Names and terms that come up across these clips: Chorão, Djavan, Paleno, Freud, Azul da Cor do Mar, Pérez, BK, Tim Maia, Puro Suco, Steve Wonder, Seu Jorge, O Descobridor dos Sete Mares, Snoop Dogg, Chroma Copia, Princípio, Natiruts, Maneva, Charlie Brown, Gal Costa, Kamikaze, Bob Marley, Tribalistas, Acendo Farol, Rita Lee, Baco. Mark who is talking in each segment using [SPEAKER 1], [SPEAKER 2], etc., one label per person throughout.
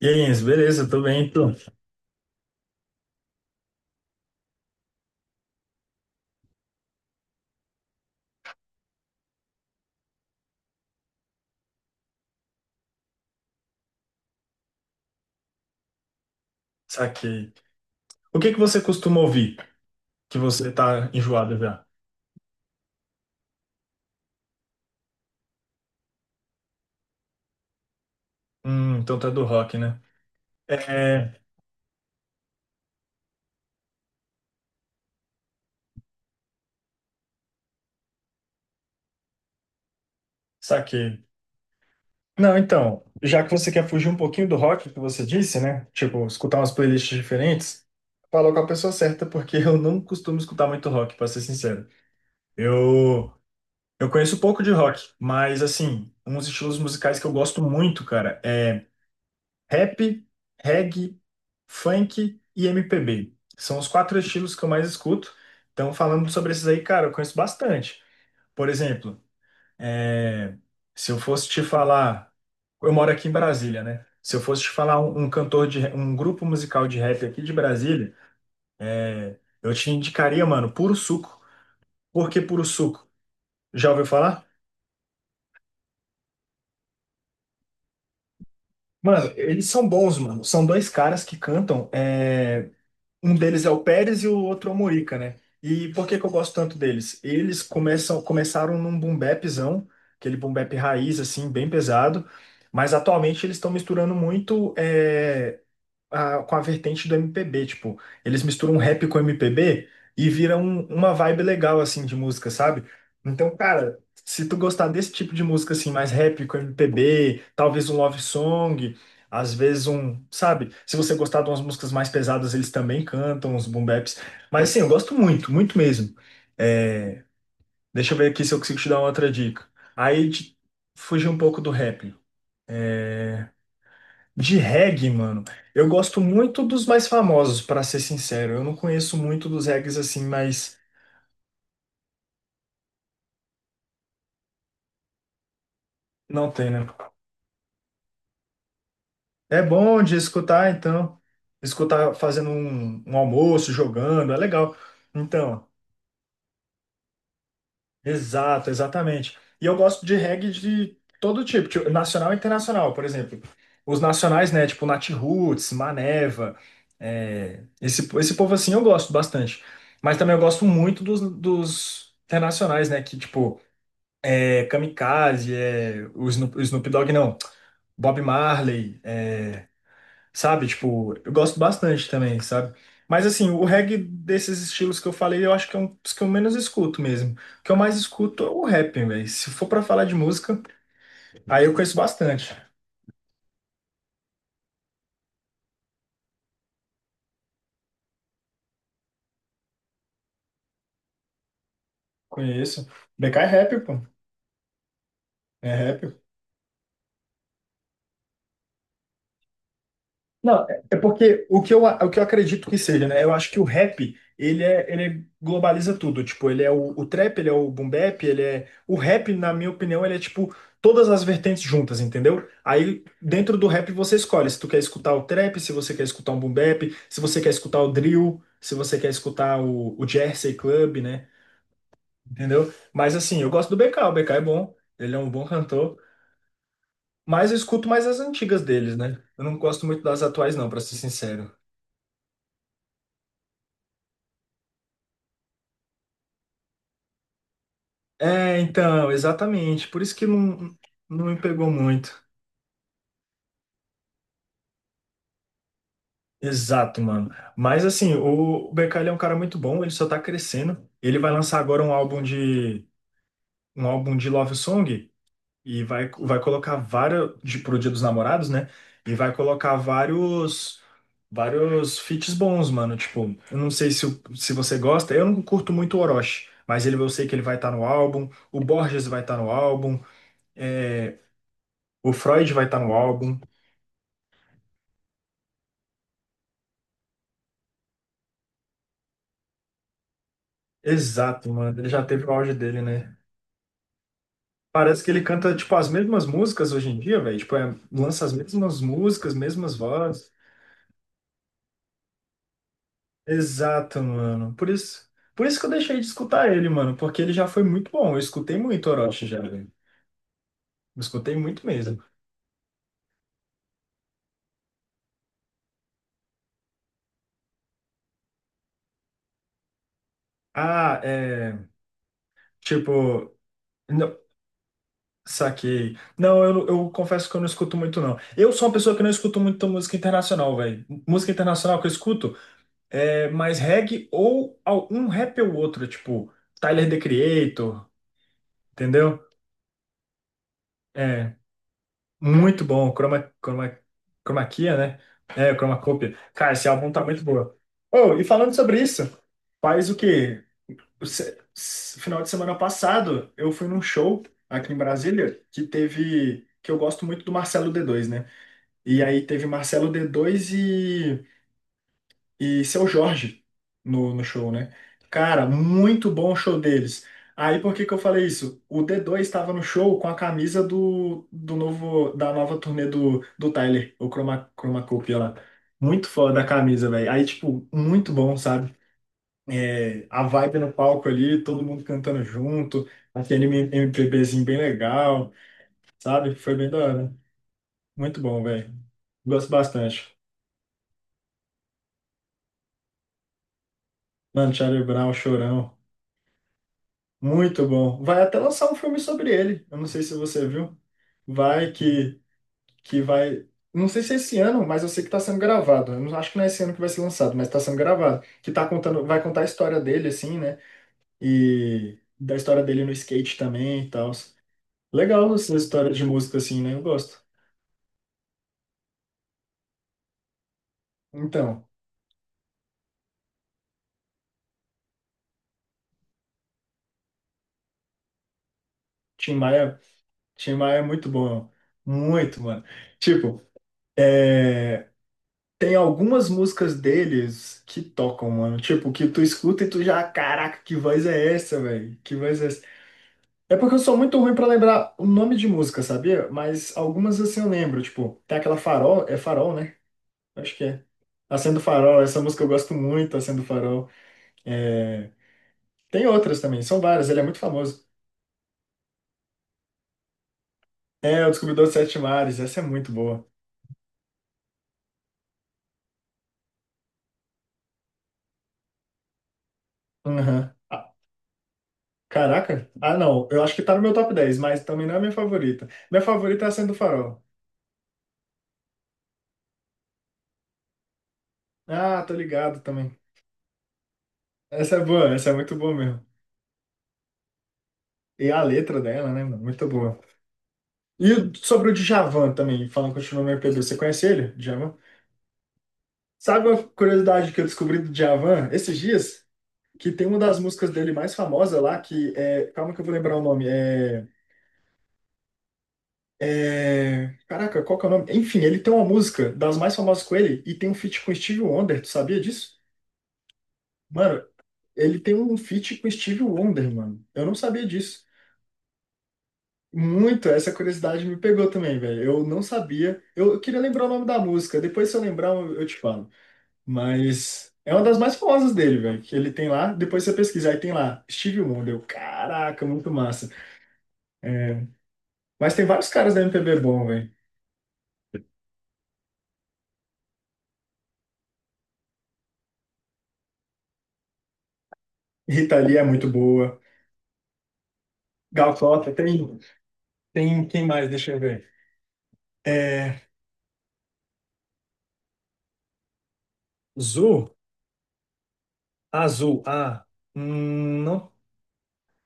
[SPEAKER 1] E aí, Enzo, beleza, tô bem, então. Saquei. O que que você costuma ouvir? Que você tá enjoado já? Então tá do rock, né? É, saquei. Não, então, já que você quer fugir um pouquinho do rock que você disse, né? Tipo, escutar umas playlists diferentes, falou com a pessoa certa, porque eu não costumo escutar muito rock, pra ser sincero. Eu, eu conheço pouco de rock, mas assim, uns estilos musicais que eu gosto muito, cara, é rap, reggae, funk e MPB. São os quatro estilos que eu mais escuto. Então, falando sobre esses aí, cara, eu conheço bastante. Por exemplo, é, se eu fosse te falar. Eu moro aqui em Brasília, né? Se eu fosse te falar um cantor de um grupo musical de rap aqui de Brasília, eu te indicaria, mano, Puro Suco. Por que Puro Suco? Já ouviu falar? Mano, eles são bons, mano. São dois caras que cantam. Um deles é o Pérez e o outro é o Morica, né? E por que que eu gosto tanto deles? Eles começaram num boom bapzão, aquele boom bap raiz, assim, bem pesado, mas atualmente eles estão misturando muito com a vertente do MPB. Tipo, eles misturam um rap com MPB e viram uma vibe legal assim de música, sabe? Então, cara, se tu gostar desse tipo de música assim, mais rap com MPB, talvez um love song, às vezes um, sabe? Se você gostar de umas músicas mais pesadas, eles também cantam uns boom baps. Mas assim, eu gosto muito, muito mesmo. É, deixa eu ver aqui se eu consigo te dar uma outra dica. Aí fugir um pouco do rap. De reggae, mano, eu gosto muito dos mais famosos, pra ser sincero. Eu não conheço muito dos reggaes assim, mas não tem, né? É bom de escutar, então. Escutar fazendo um almoço, jogando, é legal. Então, exato, exatamente. E eu gosto de reggae de todo tipo, tipo, nacional e internacional, por exemplo. Os nacionais, né? Tipo Natiruts, Maneva, esse povo assim eu gosto bastante. Mas também eu gosto muito dos internacionais, né? Que, tipo. É Kamikaze, é o Snoop Dogg, não, Bob Marley, sabe? Tipo, eu gosto bastante também, sabe? Mas assim, o reggae desses estilos que eu falei, eu acho que é um dos que eu menos escuto mesmo. O que eu mais escuto é o rap, velho. Se for pra falar de música, aí eu conheço bastante. Conheço. BK é rap, pô. É rap. Não, é porque o que eu acredito que seja, né? Eu acho que o rap, ele globaliza tudo. Tipo, ele é o trap, ele é o boom bap, ele é... O rap, na minha opinião, ele é tipo todas as vertentes juntas, entendeu? Aí, dentro do rap, você escolhe se tu quer escutar o trap, se você quer escutar um boom bap, se você quer escutar o drill, se você quer escutar o Jersey Club, né? Entendeu? Mas, assim, eu gosto do BK. O BK é bom, ele é um bom cantor. Mas eu escuto mais as antigas deles, né? Eu não gosto muito das atuais, não, pra ser sincero. É, então, exatamente. Por isso que não me pegou muito. Exato, mano. Mas assim, o BK ele é um cara muito bom, ele só tá crescendo. Ele vai lançar agora um álbum de Love Song e vai colocar vários pro Dia dos Namorados, né? E vai colocar vários feats bons, mano. Tipo, eu não sei se você gosta, eu não curto muito o Orochi, mas ele eu sei que ele vai estar no álbum, o Borges vai estar no álbum, é, o Freud vai estar no álbum. Exato, mano. Ele já teve o auge dele, né? Parece que ele canta, tipo, as mesmas músicas hoje em dia, velho. Tipo, lança as mesmas músicas, mesmas vozes. Exato, mano. Por isso que eu deixei de escutar ele, mano. Porque ele já foi muito bom. Eu escutei muito Orochi já, velho. Eu escutei muito mesmo. Ah, é. Tipo. Não, saquei. Não, eu confesso que eu não escuto muito, não. Eu sou uma pessoa que não escuto muito música internacional, velho. Música internacional que eu escuto. Mais reggae ou um rap ou outro, tipo Tyler, The Creator, entendeu? É, muito bom, Chroma Kia, né? É, Chroma Copia. Cara, esse álbum tá muito boa. Oh, e falando sobre isso, faz o quê? O final de semana passado, eu fui num show aqui em Brasília que eu gosto muito do Marcelo D2, né? E aí teve Marcelo D2 e Seu Jorge no show, né? Cara, muito bom o show deles. Aí por que que eu falei isso? O D2 estava no show com a camisa do, do novo da nova turnê do Tyler, o Chromacopia lá. Muito foda a camisa, velho. Aí, tipo, muito bom, sabe? É, a vibe no palco ali, todo mundo cantando junto, aquele MPBzinho bem legal, sabe? Foi bem da hora. Muito bom, velho. Gosto bastante. Mano, Charlie Brown, Chorão. Muito bom. Vai até lançar um filme sobre ele. Eu não sei se você viu. Vai que vai. Não sei se é esse ano, mas eu sei que está sendo gravado. Eu não acho que não é esse ano que vai ser lançado, mas está sendo gravado. Vai contar a história dele, assim, né? E da história dele no skate também e tal. Legal essas histórias de música, assim, né? Eu gosto. Então, Tim Maia, Tim Maia é muito bom. Muito, mano. Tipo, é, tem algumas músicas deles que tocam, mano. Tipo, que tu escuta e tu já, caraca, que voz é essa, velho? Que voz é essa? É porque eu sou muito ruim pra lembrar o nome de música, sabia? Mas algumas assim eu lembro, tipo, tem aquela Farol, é Farol, né? Acho que é. Acendo Farol, essa música eu gosto muito, Acendo Farol. É, tem outras também, são várias, ele é muito famoso. É, O Descobridor dos Sete Mares, essa é muito boa. Aham. Ah, caraca, ah não, eu acho que tá no meu top 10, mas também não é a minha favorita. Minha favorita é Acendo Farol. Ah, tô ligado também. Essa é boa, essa é muito boa mesmo. E a letra dela, né, mano? Muito boa. E sobre o Djavan também, falando continuando no MPB, você conhece ele, Djavan? Sabe uma curiosidade que eu descobri do Djavan esses dias? Que tem uma das músicas dele mais famosa lá, que é. Calma que eu vou lembrar o nome. Caraca, qual que é o nome? Enfim, ele tem uma música das mais famosas com ele e tem um feat com Steve Wonder, tu sabia disso? Mano, ele tem um feat com Steve Wonder, mano. Eu não sabia disso. Muito, essa curiosidade me pegou também, velho. Eu não sabia. Eu queria lembrar o nome da música. Depois, se eu lembrar, eu te falo. Mas é uma das mais famosas dele, velho. Que ele tem lá. Depois você pesquisar. Aí tem lá, Steve Wonder. Caraca, muito massa. É, mas tem vários caras da MPB bom, velho. Rita Lee é muito boa. Gal Costa tem. Tem quem mais? Deixa eu ver. É... Zu? Azul. Ah, não.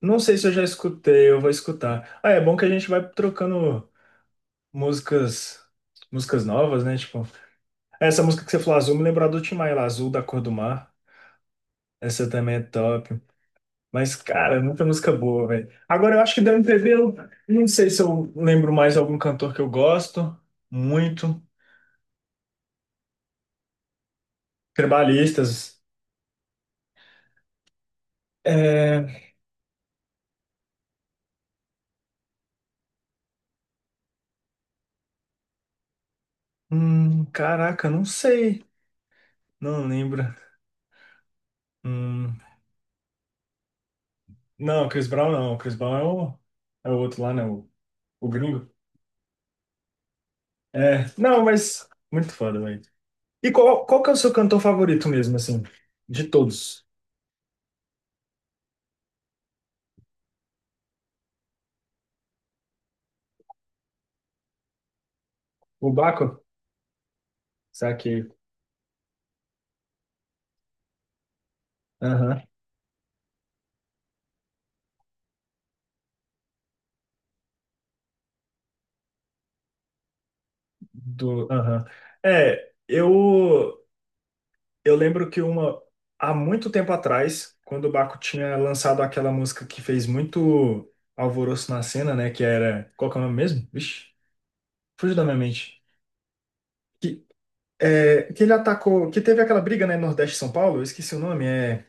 [SPEAKER 1] Não sei se eu já escutei, eu vou escutar. Ah, é bom que a gente vai trocando músicas, músicas novas, né? Tipo, essa música que você falou, Azul, me lembrou do Tim Maia, Azul da Cor do Mar. Essa também é top. Mas, cara, muita música boa, velho. Agora, eu acho que da MPB, eu não sei se eu lembro mais algum cantor que eu gosto muito. Tribalistas. É... Caraca, não sei. Não lembro. Hum, não, Chris Brown não. Chris Brown é o outro lá, né? O gringo. É, não, mas muito foda, velho. E qual que é o seu cantor favorito mesmo, assim, de todos? O Baco? Saquei. Aham. Do, aham. É, eu lembro que há muito tempo atrás, quando o Baco tinha lançado aquela música que fez muito alvoroço na cena, né, qual que é o nome mesmo? Vixe, fugiu da minha mente. Que, que ele atacou, que teve aquela briga, né, Nordeste e São Paulo, eu esqueci o nome,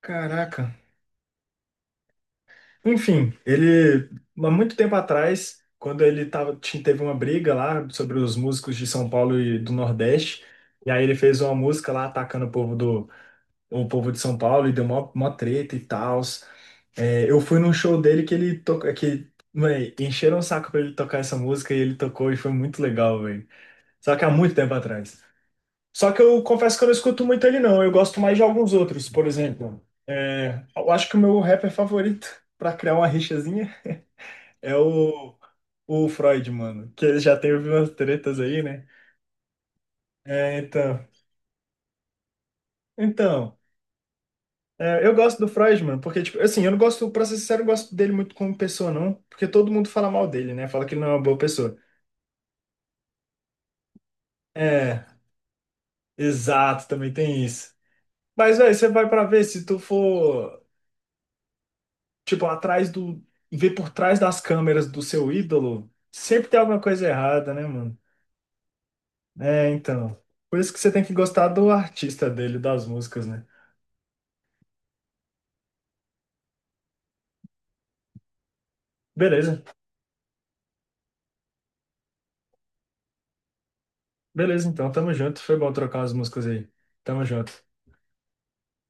[SPEAKER 1] Caraca. Enfim, há muito tempo atrás, quando ele teve uma briga lá sobre os músicos de São Paulo e do Nordeste, e aí ele fez uma música lá atacando o povo de São Paulo e deu mó, mó treta e tal. É, eu fui num show dele que ele toca, que, véi, encheram o saco pra ele tocar essa música e ele tocou e foi muito legal, velho. Só que há muito tempo atrás. Só que eu confesso que eu não escuto muito ele, não. Eu gosto mais de alguns outros, por exemplo. Eu acho que o meu rapper favorito, pra criar uma rixazinha. É o Freud, mano. Que ele já teve umas tretas aí, né? É, então. Então. Eu gosto do Freud, mano, porque, tipo, assim, eu não gosto, pra ser sincero, eu não gosto dele muito como pessoa, não. Porque todo mundo fala mal dele, né? Fala que ele não é uma boa pessoa. É, exato, também tem isso. Mas, velho, você vai pra ver se tu for, tipo, atrás do. Ver por trás das câmeras do seu ídolo, sempre tem alguma coisa errada, né, mano? É, então. Por isso que você tem que gostar do artista dele, das músicas, né? Beleza. Beleza, então, tamo junto. Foi bom trocar as músicas aí. Tamo junto.